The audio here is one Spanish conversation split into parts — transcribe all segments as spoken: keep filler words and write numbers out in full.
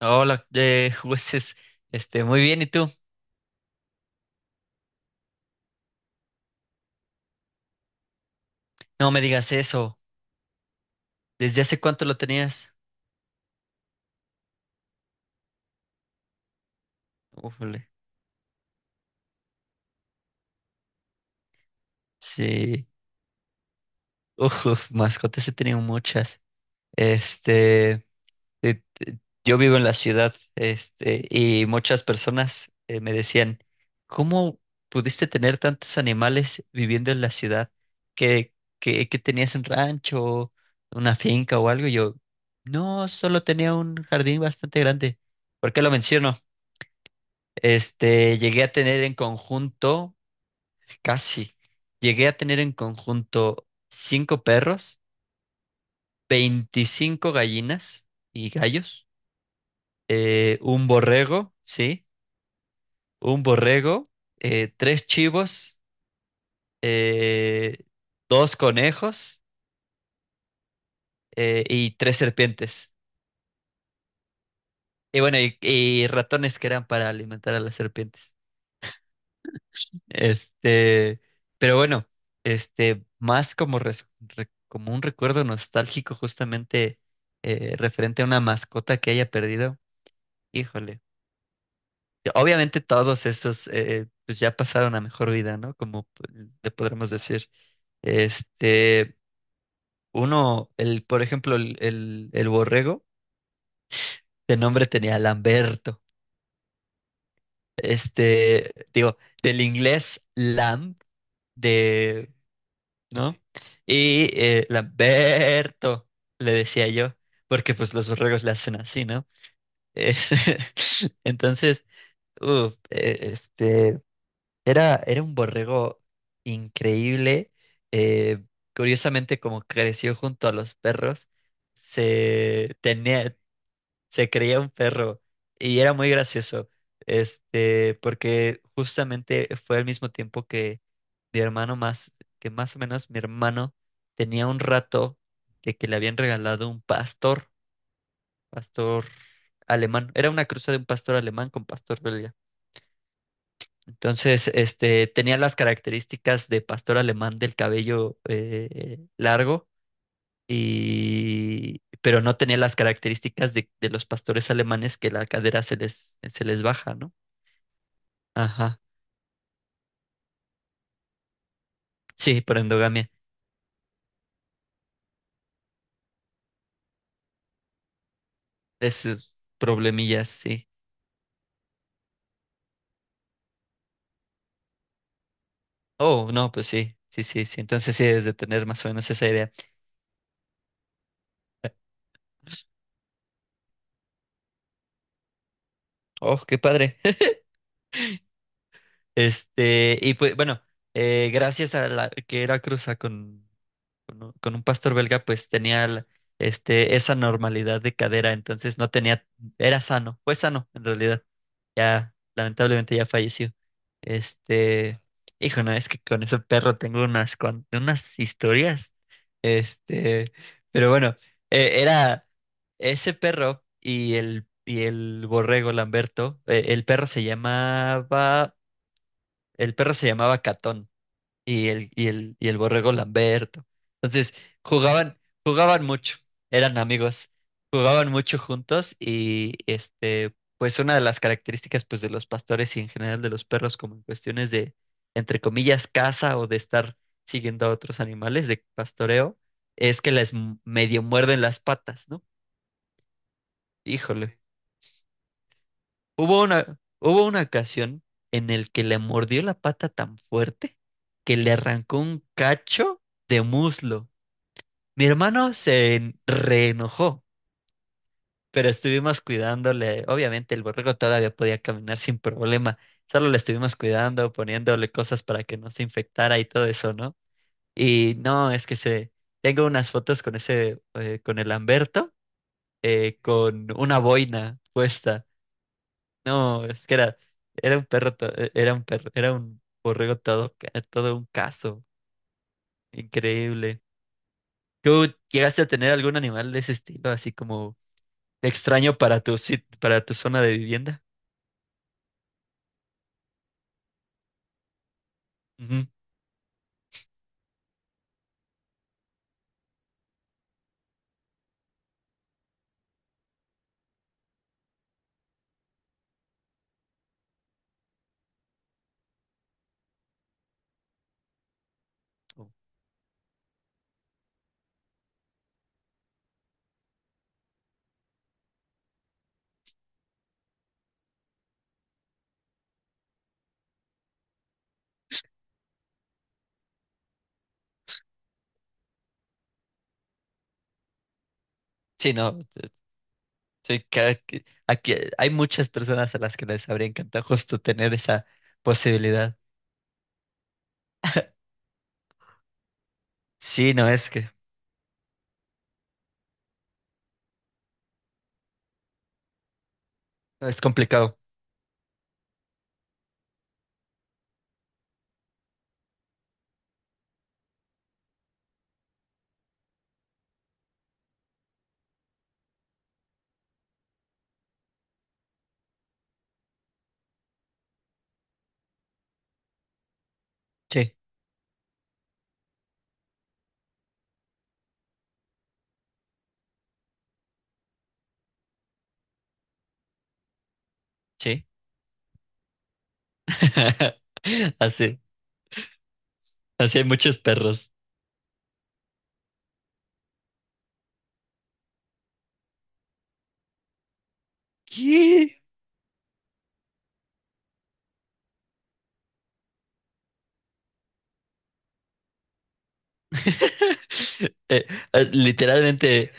Hola, eh, jueces, este, muy bien, ¿y tú? No me digas eso. ¿Desde hace cuánto lo tenías? Ufale. Sí, uf, mascotas he tenido muchas. Este, eh, eh, yo vivo en la ciudad, este, y muchas personas eh, me decían, ¿cómo pudiste tener tantos animales viviendo en la ciudad? ¿Que, que, que tenías un rancho, una finca o algo? Y yo, no, solo tenía un jardín bastante grande. ¿Por qué lo menciono? Este, llegué a tener en conjunto, casi, llegué a tener en conjunto cinco perros, veinticinco gallinas y gallos, eh, un borrego, sí, un borrego, eh, tres chivos, eh, dos conejos eh, y tres serpientes. Y bueno, y, y ratones que eran para alimentar a las serpientes. Este, pero bueno, este, más como, res- re- como un recuerdo nostálgico justamente eh, referente a una mascota que haya perdido, híjole. Que Obviamente todos estos eh, pues ya pasaron a mejor vida, ¿no? Como p- le podremos decir. Este, uno, el, por ejemplo, el, el, el borrego, de nombre tenía Lamberto. Este, digo, del inglés lamb, de ¿no? Y eh, Lamberto, le decía yo, porque pues los borregos le hacen así, ¿no? Es- Entonces, uf, eh, este, era, era un borrego increíble. eh, Curiosamente, como creció junto a los perros, se tenía, se creía un perro y era muy gracioso, este, porque justamente fue al mismo tiempo mi hermano más, que más o menos mi hermano tenía un rato de que le habían regalado un pastor, pastor alemán. Era una cruza de un pastor alemán con pastor belga. Entonces, este, tenía las características de pastor alemán del cabello eh, largo. Y, pero no tenía las características de, de los pastores alemanes, que la cadera se les, se les baja, ¿no? Ajá. Sí, por endogamia. Esos problemillas, sí. Oh, no, pues sí, sí, sí, sí. Entonces sí debes de tener más o menos esa idea. Oh, qué padre. Este, y pues bueno, eh, gracias a la que era cruza con con un, con un pastor belga, pues tenía la- este, esa normalidad de cadera, entonces no tenía, era sano, fue sano en realidad. Ya, lamentablemente ya falleció. Este, hijo, no, es que con ese perro tengo unas, cuan- unas historias. Este, pero bueno, eh, era ese perro y el, y el borrego Lamberto. Eh, el perro se llamaba, el perro se llamaba Catón y el, y el, y el borrego Lamberto. Entonces, jugaban, jugaban mucho, eran amigos, jugaban mucho juntos y este, pues una de las características pues de los pastores y en general de los perros como en cuestiones de, entre comillas, caza o de estar siguiendo a otros animales de pastoreo, es que les m- medio muerden las patas, ¿no? Híjole, hubo una, hubo una ocasión en el que le mordió la pata tan fuerte que le arrancó un cacho de muslo. Mi hermano se en- reenojó, pero estuvimos cuidándole. Obviamente el borrego todavía podía caminar sin problema. Solo le estuvimos cuidando, poniéndole cosas para que no se infectara y todo eso, ¿no? Y no, es que se tengo unas fotos con ese, eh, con el Lamberto, eh, con una boina puesta. No, es que era, era un perro, to- eh, era un perro, era un borrego todo, ca- todo un caso. Increíble. ¿Tú llegaste a tener algún animal de ese estilo, así como Extraño para tu, sit- para tu zona de vivienda? Ujú. Sí, no. Te- sí, cada que- aquí hay muchas personas a las que les habría encantado justo tener esa posibilidad. Sí, no, es que es complicado. Sí, sí. Así, así hay muchos perros. ¿Qué? Eh, eh, literalmente,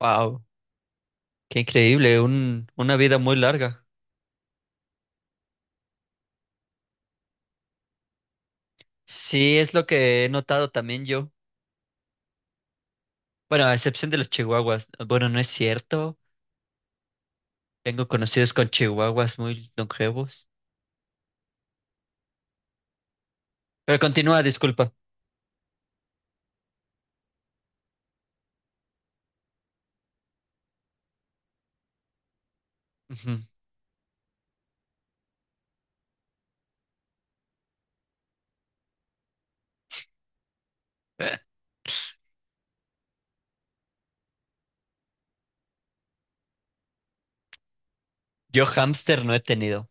wow, qué increíble, un, una vida muy larga. Sí, es lo que he notado también yo. Bueno, a excepción de los chihuahuas. Bueno, no es cierto. Tengo conocidos con chihuahuas muy longevos. Pero continúa, disculpa. Ujú. Yo hámster no he tenido.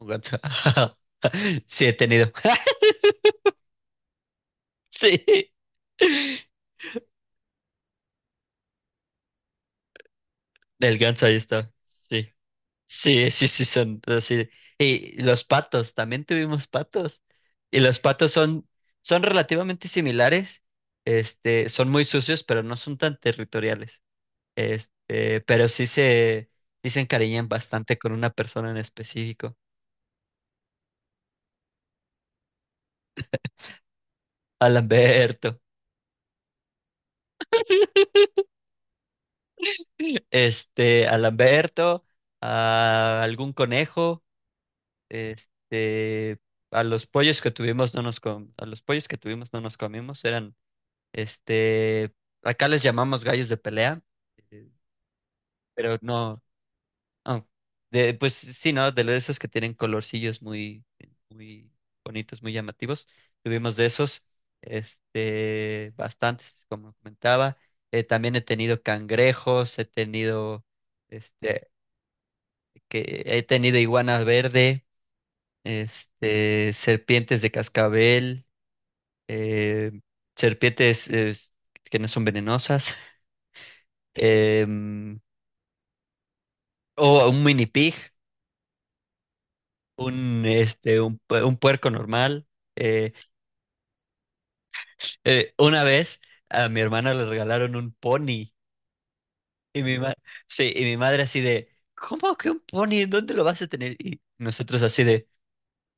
Ganso. Sí, he tenido. Sí. El ganso ahí está. Sí. Sí, sí, sí, son así. Y los patos, también tuvimos patos. Y los patos son, son relativamente similares. Este, son muy sucios, pero no son tan territoriales. Este, pero sí se, sí se encariñan bastante con una persona en específico, a Lamberto. Este, a Lamberto, a algún conejo, este, a los pollos que tuvimos no nos com- a los pollos que tuvimos no nos comimos, eran, este, acá les llamamos gallos de pelea, eh, pero no. Ah, de, pues sí, ¿no? De esos que tienen colorcillos muy, muy bonitos, muy llamativos. Tuvimos de esos, este, bastantes, como comentaba. Eh, también he tenido cangrejos, he tenido, este, que he tenido iguana verde, este, serpientes de cascabel, eh, serpientes eh, que no son venenosas, em, o un mini pig, un, este, un, pu- un puerco normal. eh, Eh, una vez a mi hermana le regalaron un pony y mi ma- sí, y mi madre así de, ¿cómo que un pony? ¿En dónde lo vas a tener? Y nosotros así de,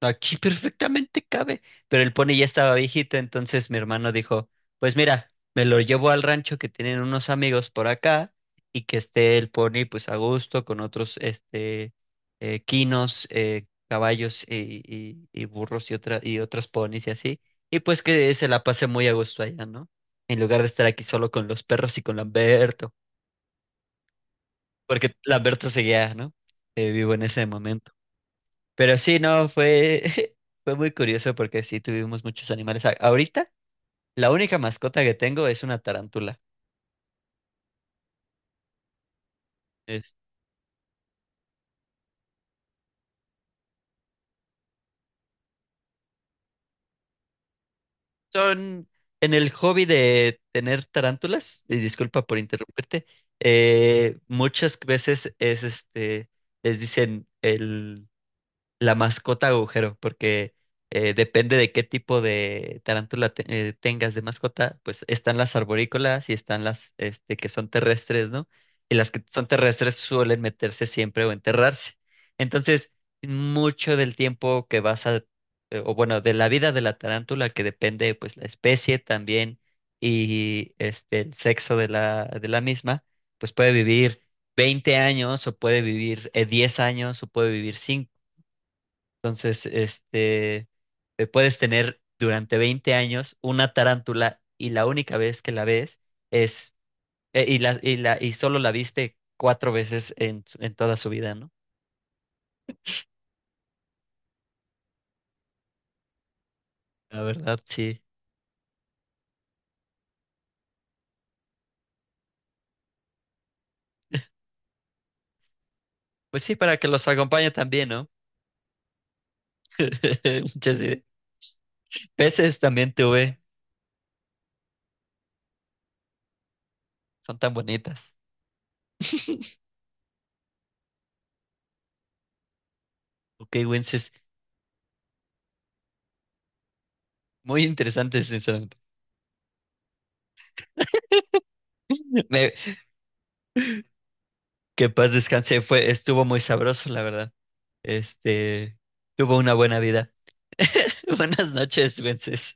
aquí perfectamente cabe, pero el pony ya estaba viejito, entonces mi hermano dijo, pues mira, me lo llevo al rancho que tienen unos amigos por acá y que esté el pony pues a gusto con otros este eh, quinos, eh, caballos y, y- y burros y otra, y otros ponis y así, y pues que se la pase muy a gusto allá, ¿no? En lugar de estar aquí solo con los perros y con Lamberto, porque Lamberto seguía, ¿no? Eh, vivo en ese momento. Pero sí, no, fue, fue muy curioso porque sí tuvimos muchos animales. A- Ahorita, la única mascota que tengo es una tarántula. Es- Son en el hobby de tener tarántulas, y disculpa por interrumpirte, eh, muchas veces es este, les dicen el La mascota agujero, porque eh, depende de qué tipo de tarántula te- eh, tengas de mascota, pues están las arborícolas y están las este, que son terrestres, ¿no? Y las que son terrestres suelen meterse siempre o enterrarse. Entonces, mucho del tiempo que vas a, eh, o bueno, de la vida de la tarántula, que depende pues la especie también y este, el sexo de la, de la misma, pues puede vivir veinte años o puede vivir eh, diez años o puede vivir cinco. Entonces, este, eh, puedes tener durante veinte años una tarántula y la única vez que la ves es, eh, y la, y la, y solo la viste cuatro veces en, su- en toda su vida, ¿no? La verdad, sí. Pues sí, para que los acompañe también, ¿no? Muchas ideas. Peces también tuve, son tan bonitas. Ok, Wences, muy interesante, sinceramente. Me- que paz descanse, fue, estuvo muy sabroso, la verdad. Este, tuvo una buena vida. Buenas noches, Wences.